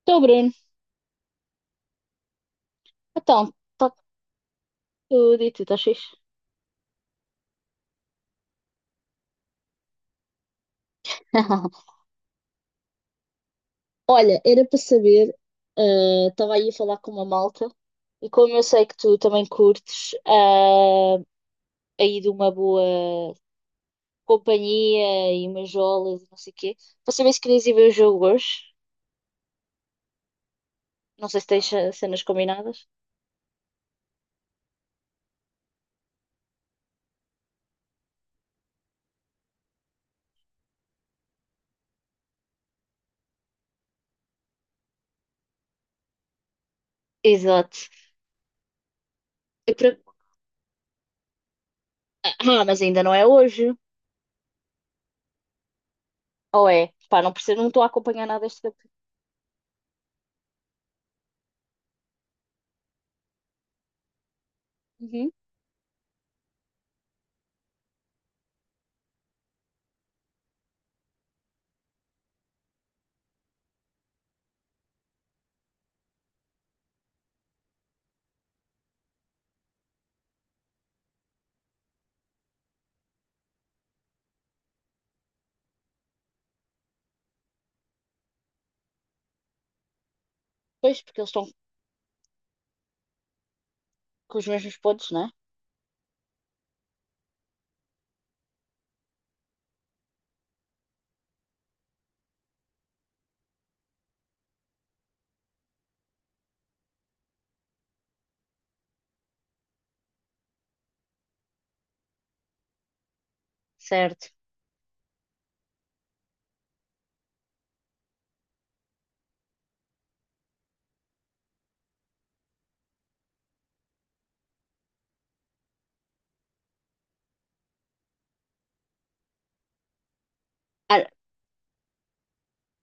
Estou, Bruno. Então, está tudo e tu estás fixe? Olha, era para saber, estava aí a falar com uma malta e como eu sei que tu também curtes aí de uma boa companhia e umas jolas e não sei o quê, para saber se querias ir ver o jogo hoje. Não sei se tens cenas combinadas. Exato. Eu pre- Ah, mas ainda não é hoje. Ou é? Pá, não percebo, não estou a acompanhar nada deste campeonato. Uhum. Pois, porque eles estão com os mesmos pontos, não é? Certo.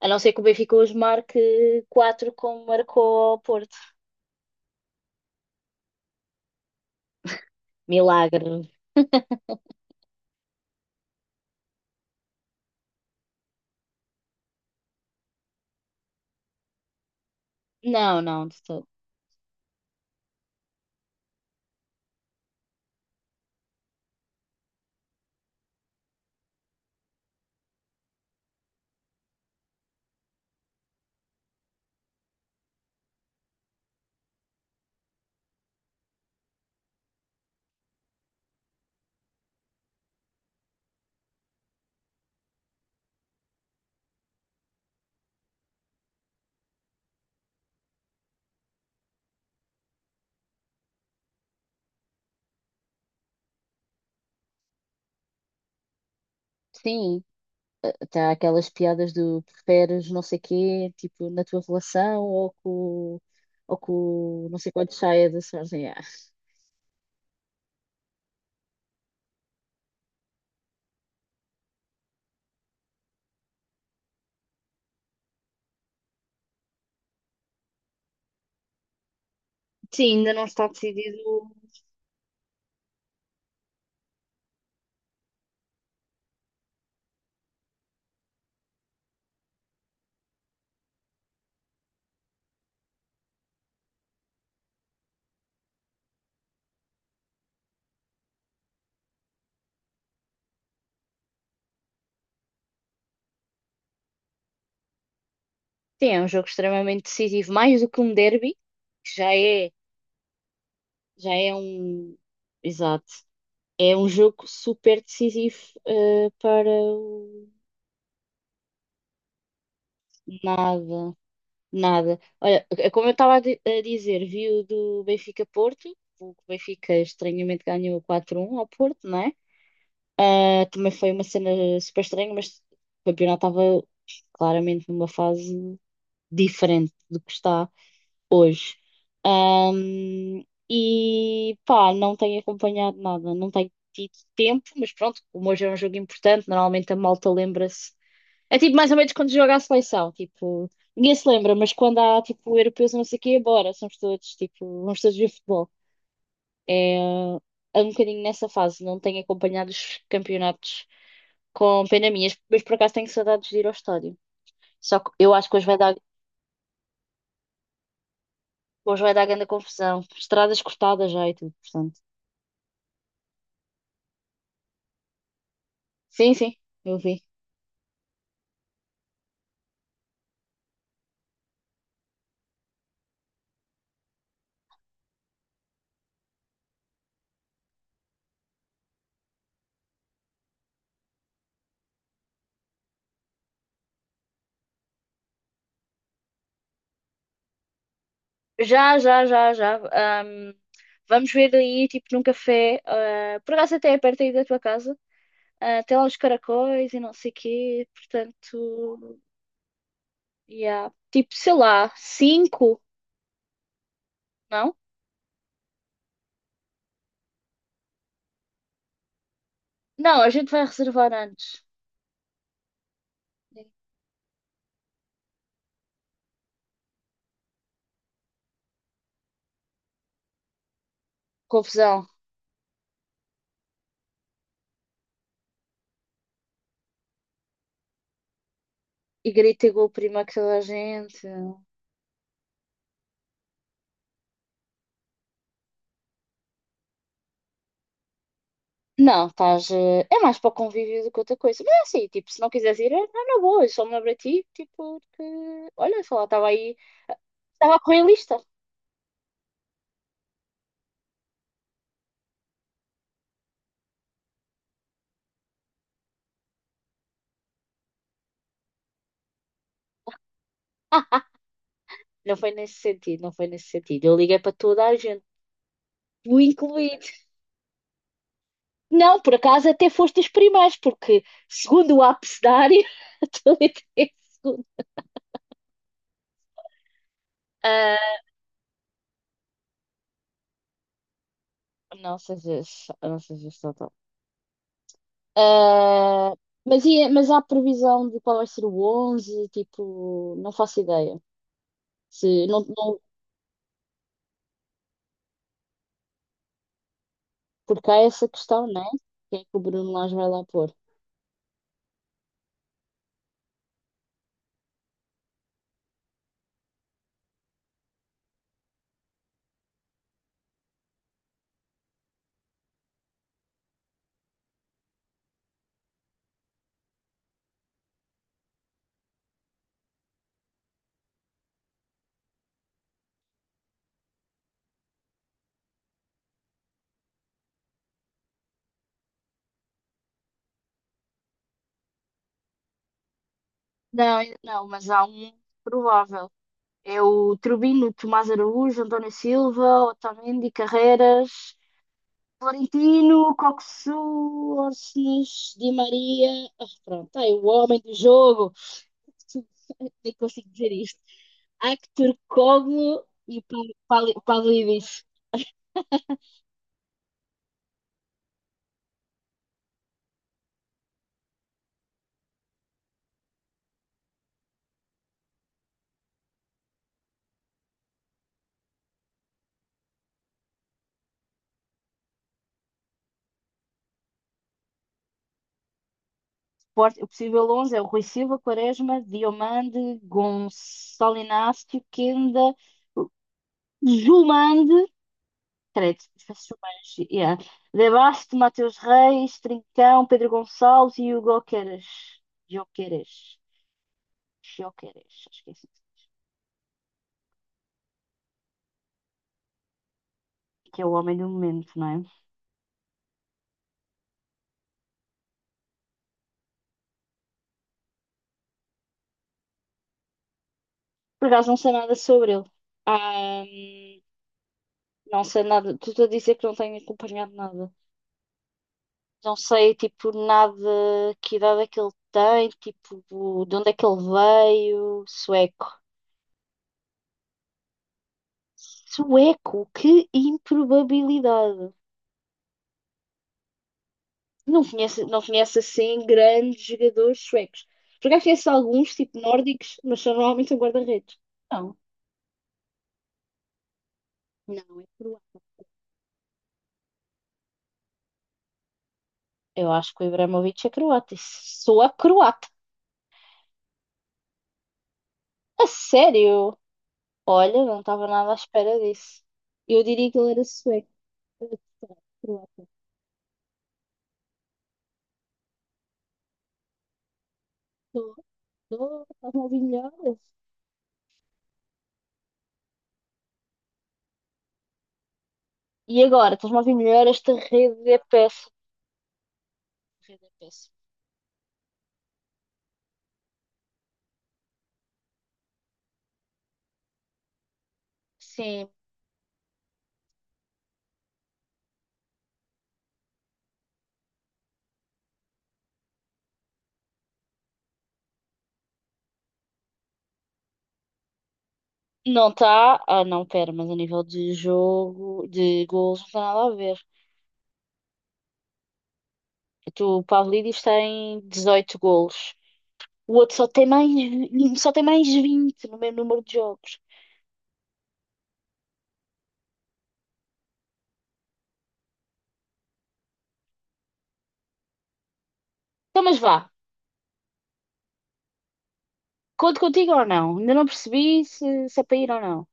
A não ser que o Benfica hoje marque 4, como marcou ao Porto. Milagre. Não, não, de todo. Sim, está aquelas piadas do preferes não sei quê, tipo, na tua relação ou com não sei quantos saia da Sarzen. Ah. Sim, ainda não está decidido. Sim, é um jogo extremamente decisivo, mais do que um derby, que já é um. Exato. É um jogo super decisivo, para o nada. Nada. Olha, é como eu estava a dizer, vi o do Benfica-Porto, o que o Benfica estranhamente ganhou 4-1 ao Porto, não é? Ah, também foi uma cena super estranha, mas o campeonato estava claramente numa fase diferente do que está hoje. Ahm, e pá, não tenho acompanhado nada, não tenho tido tempo, mas pronto, como hoje é um jogo importante, normalmente a malta lembra-se é tipo mais ou menos quando joga a seleção, tipo, ninguém se lembra, mas quando há tipo europeus e não sei o quê, bora, somos todos, tipo, vamos todos ver futebol. É, é um bocadinho nessa fase, não tenho acompanhado os campeonatos com pena minha, mas por acaso tenho saudades de ir ao estádio. Só que eu acho que hoje vai dar grande confusão, estradas cortadas já e tudo, portanto. Sim, sim, eu vi. Já, já, já, já. Vamos ver aí, tipo, num café, por acaso até é perto aí da tua casa. Ah, tem lá os caracóis e não sei quê, portanto, yeah. Tipo, sei lá, cinco, não? Não, a gente vai reservar antes. Confusão. E grita e prima que toda a gente. Não, estás. É mais para o convívio do que outra coisa. Mas é assim, tipo, se não quiseres ir, é não, na boa, eu só me lembro a ti, tipo, que. Olha, sei lá, estava aí. Estava a correr a lista. Não foi nesse sentido, não foi nesse sentido. Eu liguei para toda a gente, tu incluído. Não, por acaso até foste os primeiros, porque segundo o abecedário, a é segundo. Ah, não sejas, não sejas total. Ah, mas há previsão de qual vai ser o 11? Tipo, não faço ideia. Se, não, não, porque há essa questão, né? Quem é que o Bruno Lage vai lá pôr? Não, não, mas há um provável. É o Trubino, Tomás Araújo, António Silva, Otamendi, Carreiras, Florentino, Coxu, Orsnes, Di Maria. Ah, pronto, tá aí o homem do jogo. Nem consigo dizer isto. Actor Coglu e Pavlidis. O possível 11 é o Rui Silva, Quaresma, Diomande, Gonçalo Inácio, Kenda, Jumande, credo, Jumange, yeah. Debasto, Mateus Reis, Trincão, Pedro Gonçalves e Hugo Queres. Joqueres. Joqueres, acho que é assim. Que é o homem do momento, não é? Por acaso não sei nada sobre ele. Ah, não sei nada. Estou a dizer que não tenho acompanhado nada. Não sei, tipo, nada, que idade é que ele tem, tipo, de onde é que ele veio. Sueco. Sueco, que improbabilidade. Não conheço, não conheço assim grandes jogadores suecos. Por acaso conheço alguns, tipo, nórdicos, mas são normalmente um guarda-redes. Não, não, é croata. Eu acho que o Ibrahimovic é croata. Isso soa croata. A sério? Olha, não estava nada à espera disso. Eu diria que ele era sueco. Estás-me a ouvir melhor? E agora? Estás-me a ouvir melhor? Esta rede é péssima. Rede é péssima. Sim. Não está. Ah, não, pera, mas a nível de jogo, de golos, não tem nada a ver. Tu, o Pavlidis tem 18 golos. O outro só tem mais 20 no mesmo número de jogos. Então, mas vá. Conto contigo ou não? Ainda não percebi se é para ir ou não.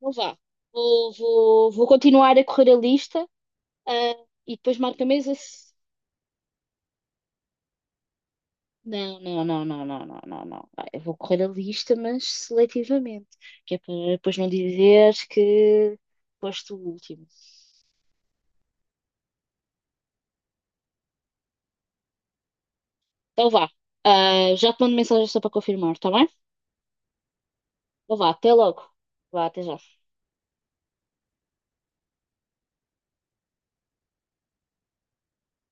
Não vá. Vou continuar a correr a lista, e depois marco a mesa. Não, não, não, não, não, não, não, não. Ah, eu vou correr a lista, mas seletivamente, que é para depois não dizeres que foste o último. Então vá. Ah, já te mando mensagem só para confirmar, está bem? Então vá, até logo. Vá, até já.